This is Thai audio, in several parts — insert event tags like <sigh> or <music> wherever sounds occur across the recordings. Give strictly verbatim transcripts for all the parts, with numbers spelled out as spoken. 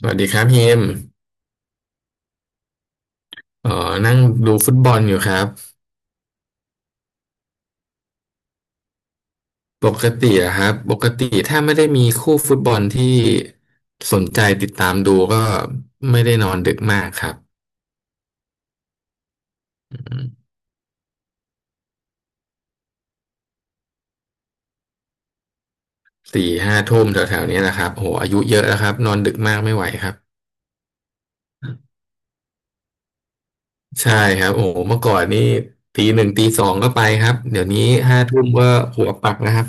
สวัสดีครับเฮมเอ๋อนั่งดูฟุตบอลอยู่ครับปกติอะครับปกติถ้าไม่ได้มีคู่ฟุตบอลที่สนใจติดตามดูก็ไม่ได้นอนดึกมากครับอืมสี่ห้าทุ่มแถวๆนี้นะครับโอ้โหอายุเยอะแล้วครับนอนดึกมากไม่ไหวครับใช่ครับโอ้โหเมื่อก่อนนี่ตีหนึ่งตีสองก็ไปครับเดี๋ยวนี้ห้าทุ่มก็หัวปักนะครับ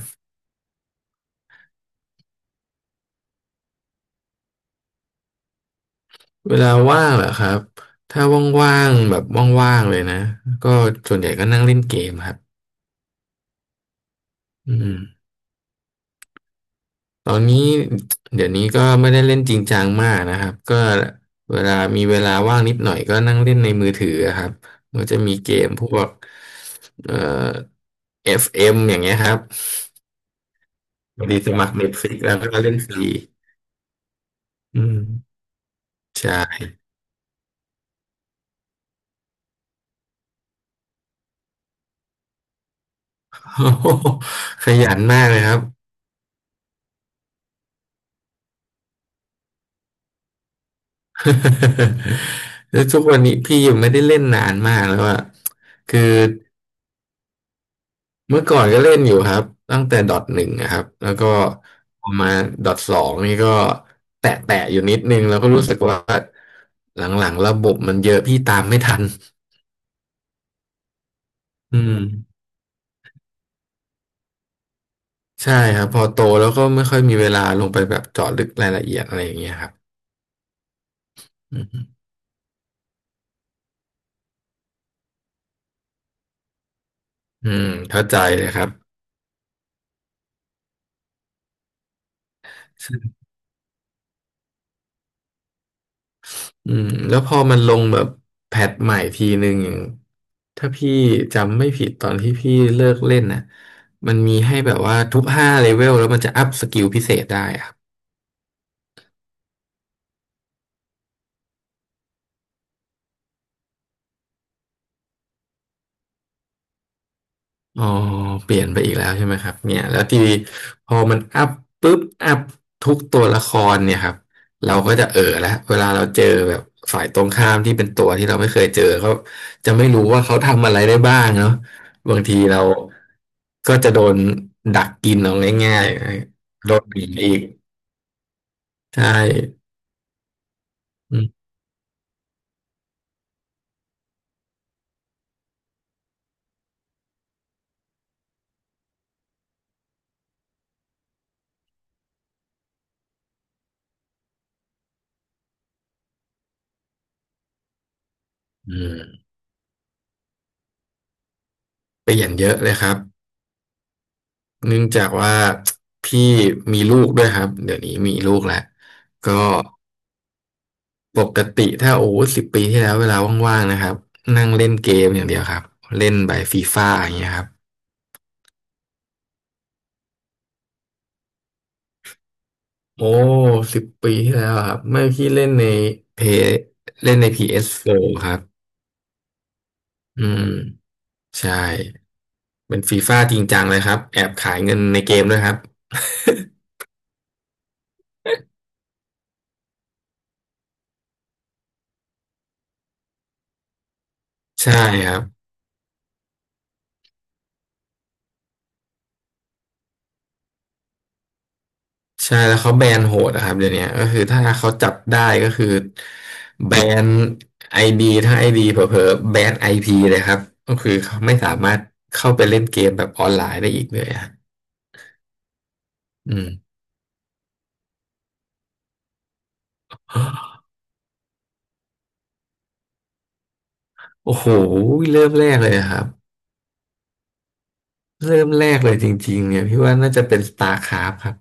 เวลาว่างเหรอครับถ้าว่างๆแบบว่างๆเลยนะก็ส่วนใหญ่ก็นั่งเล่นเกมครับอืม ตอนนี้เดี๋ยวนี้ก็ไม่ได้เล่นจริงจังมากนะครับก็เวลามีเวลาว่างนิดหน่อยก็นั่งเล่นในมือถือครับมันจะมีเกมพวกเอ่อ เอฟ เอ็ม อฟเอ็มอย่างเงี้ยครับพอดีสมัคร Netflix แล้วก็เล่นฟรีอืมใช่ <laughs> โอ้โหขยันมากเลยครับ <laughs> แล้วทุกวันนี้พี่ยังไม่ได้เล่นนานมากแล้วอะคือ เมื่อก่อนก็เล่นอยู่ครับตั้งแต่ดอทหนึ่งนะครับแล้วก็พอมาดอทสองนี่ก็แตะแตะอยู่นิดนึงแล้วก็รู้สึกว่าหลังๆระบบมันเยอะพี่ตามไม่ทันอืมใช่ครับพอโตแล้วก็ไม่ค่อยมีเวลาลงไปแบบเจาะลึกรายละเอียดอะไรอย่างเงี้ยครับอืมอืมเข้าใจเลยครับ อืมแล้วพอมันลงแบบแพทใหม่ทีหนึ่งอย่างถ้าพี่จำไม่ผิดตอนที่พี่เลิกเล่นนะมันมีให้แบบว่าทุกห้าเลเวลแล้วมันจะอัพสกิลพิเศษได้อะ อ๋อเปลี่ยนไปอีกแล้วใช่ไหมครับเนี่ยแล้วทีนี้พอมันอัพปุ๊บอัพทุกตัวละครเนี่ยครับเราก็จะเออแล้วเวลาเราเจอแบบฝ่ายตรงข้ามที่เป็นตัวที่เราไม่เคยเจอเขาจะไม่รู้ว่าเขาทำอะไรได้บ้างเนาะบางทีเราก็จะโดนดักกินเอาง่ายๆโดนบีบอีกใช่อืมอืมเปลี่ยนเยอะเลยครับเนื่องจากว่าพี่มีลูกด้วยครับเดี๋ยวนี้มีลูกแล้วก็ ปกติถ้าโอ้สิบปีที่แล้วเวลาว่างๆนะครับนั่งเล่นเกมอย่างเดียวครับเล่นใบบฟีฟ่าอย่างเงี้ยครับโอ้สิบปีที่แล้วอะครับไม่พี่เล่นในเพเล่นใน พี เอส โฟร์ ครับอืมใช่เป็นฟีฟ่าจริงจังเลยครับแอบขายเงินในเกมด้วยครับใช่ครับ ใช่แล้วเขาแบนโหดอะครับเดี๋ยวนี้ก็คือถ้าเขาจับได้ก็คือแบนไอดีถ้าไอดีเผลอๆแบนไอพีเลยครับก็คือเขาไม่สามารถเข้าไปเล่นเกมแบบออนไลน์ได้อีกเลยอะอืมโอ้โหเริ่มแรกเลยอะครับเริ่มแรกเลยจริงๆเนี่ยพี่ว่าน่าจะเป็น StarCraft ครับ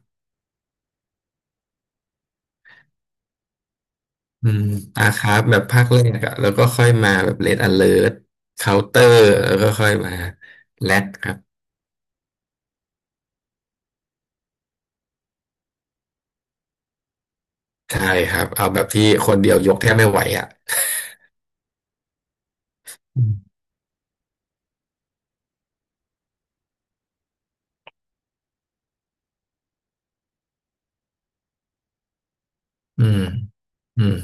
อืม StarCraft แบบภาคแรกอะแล้วก็ค่อยมาแบบ Red Alert Counter แล้วก็ค่อยมา Lat ครับใช่ครับเอาแบบที่คนเดียวยกแทบไม่ไหวอะ อืมอืม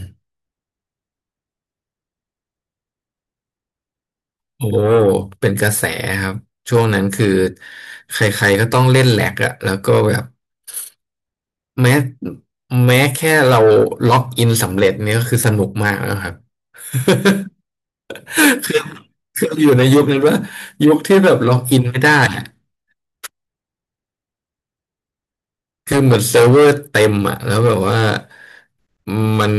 โอ้เป็นกระแสครับช่วงนั้นคือใครๆก็ต้องเล่นแหลกอะแล้วก็แบบแม้แม้แค่เราล็อกอินสำเร็จเนี่ยก็คือสนุกมากแล้วครับ <laughs> คือคืออยู่ในยุคนั้นว่ายุคที่แบบล็อกอินไม่ได้อะคือเหมือนเซิร์ฟเวอร์เต็มอะแล้วแบบว่ามัน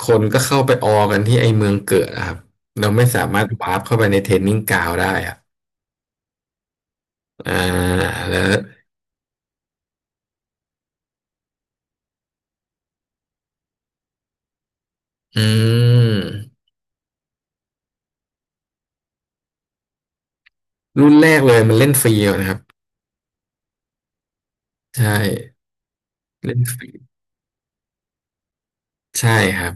คนก็เข้าไปออกันที่ไอเมืองเกิดอะครับเราไม่สามารถวาร์ปเข้าไปในเทรนนิ่งกราวด์ได้อะอ่าแล้วอืม รุ่นแรกเลยมันเล่นฟรีนะครับใช่เล่นฟรีใช่ครับ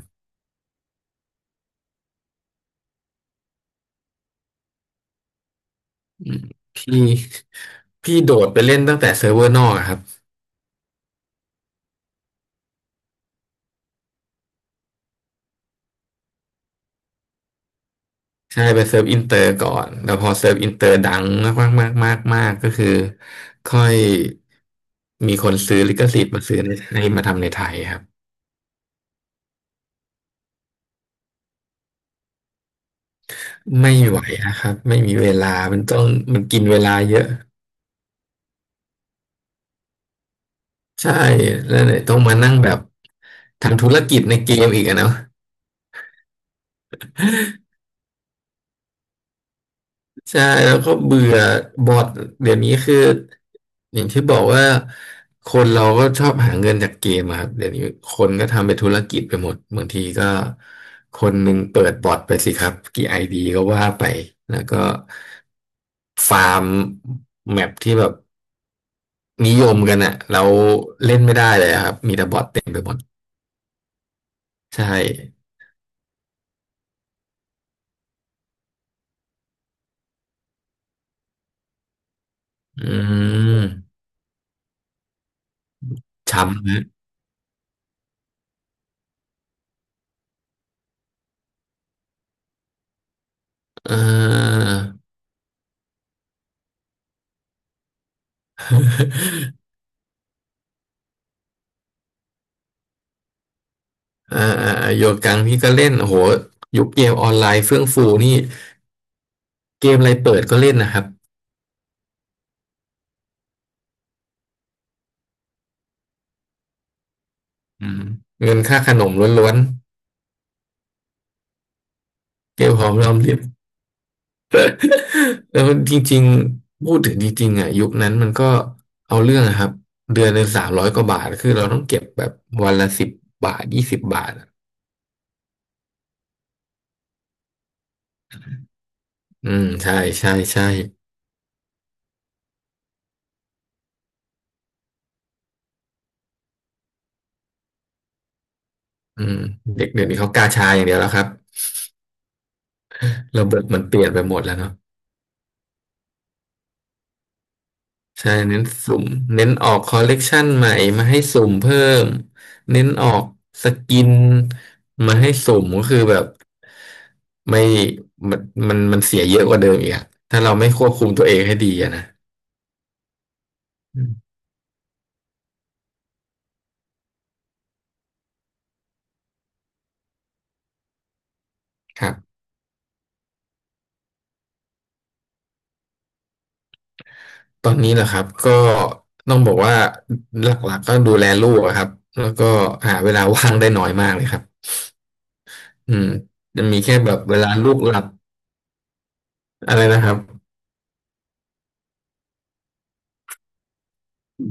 อืมพี่พี่โดดไปเล่นตั้งแต่เซิร์ฟเวอร์นอกอะครับใช่ไปเซิร์ฟอินเตอร์ก่อนแล้วพอเซิร์ฟอินเตอร์ดังมากมากมากมากก็คือค่อยมีคนซื้อลิขสิทธิ์มาซื้อในไทยมาทำในไทยครับไม่ไหวนะครับไม่มีเวลามันต้องมันกินเวลาเยอะใช่แล้วเนี่ยต้องมานั่งแบบทำธุรกิจในเกมอีกอะเนาะ ใช่แล้วก็เบื่อบอทเดี๋ยวนี้คืออย่างที่บอกว่าคนเราก็ชอบหาเงินจากเกมอะครับเดี๋ยวนี้คนก็ทำเป็นธุรกิจไปหมดบางทีก็คนหนึ่งเปิดบอทไปสิครับกี่ไอดีก็ว่าไปแล้วก็ฟาร์มแมปที่แบบนิยมกันอะเราเล่นไม่ได้เลยอะครับมีแต่บอทเต็มไปหมดใช่อืมช้ำนะเออ อ่าอ่าอ่าโยกังพี่ก็เล่นโอ้โหยุคเกมออนไลน์เฟื่องฟูนี่เกมอะไรเปิดก็เล่นนะครับอืมเงินค่าขนมล้วนๆเกมหอมรอมริบ <laughs> แล้วนจริงๆพูดถึงจริงๆอ่ะยุคนั้นมันก็เอาเรื่องอะครับเดือนหนึ่งสามร้อยกว่าบาทคือเราต้องเก็บแบบวันละสิบบาทยี่สิบบาทอะอืมใช่ใช่ใช่อืมเด็กเดี๋ยวนี้เขากาชาอย่างเดียวแล้วครับระบบมันเปลี่ยนไปหมดแล้วเนาะ ใช่เน้นสุ่มเน้นออกคอลเลกชันใหม่มาให้สุ่มเพิ่มเน้นออกสกินมาให้สุ่มก็คือแบบไม่มันมันมันเสียเยอะกว่าเดิมอีกอะถ้าเราไม่ควบคุมตัวเองให้ดีอะนะอืมครับตอนนี้เหรอครับก็ต้องบอกว่าหลักๆก็ดูแลลูกอะครับแล้วก็หาเวลาว่างได้น้อยมากเลยครับอืมจะมีแค่แบบเวลาลูกหลับอะไรนะครับ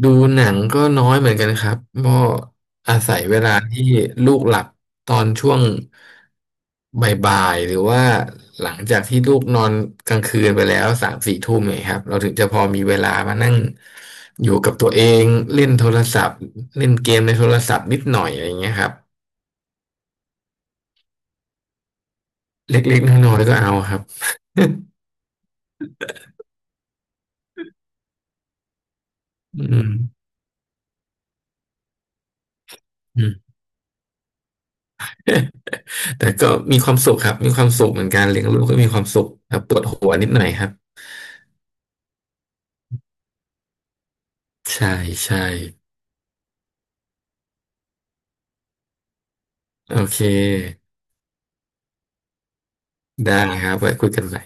ดูหนังก็น้อยเหมือนกันครับก็อาศัยเวลาที่ลูกหลับตอนช่วงบ่ายๆหรือว่าหลังจากที่ลูกนอนกลางคืนไปแล้วสามสี่ทุ่มเนี่ยครับเราถึงจะพอมีเวลามานั่งอยู่กับตัวเองเล่นโทรศัพท์เล่นเกมในโทรศัพท์นิดหน่อยอะไรอย่างเงี้ยครับเล็กๆน้อยๆก็เอาครับ <laughs> อืมอืมแต่ก็มีความสุขครับมีความสุขเหมือนกันเลี้ยงลูกก็มีความสุขครับปวดหัวนิดหน่อยครับใช่ใช่ โอเค ได้ครับไว้คุยกันใหม่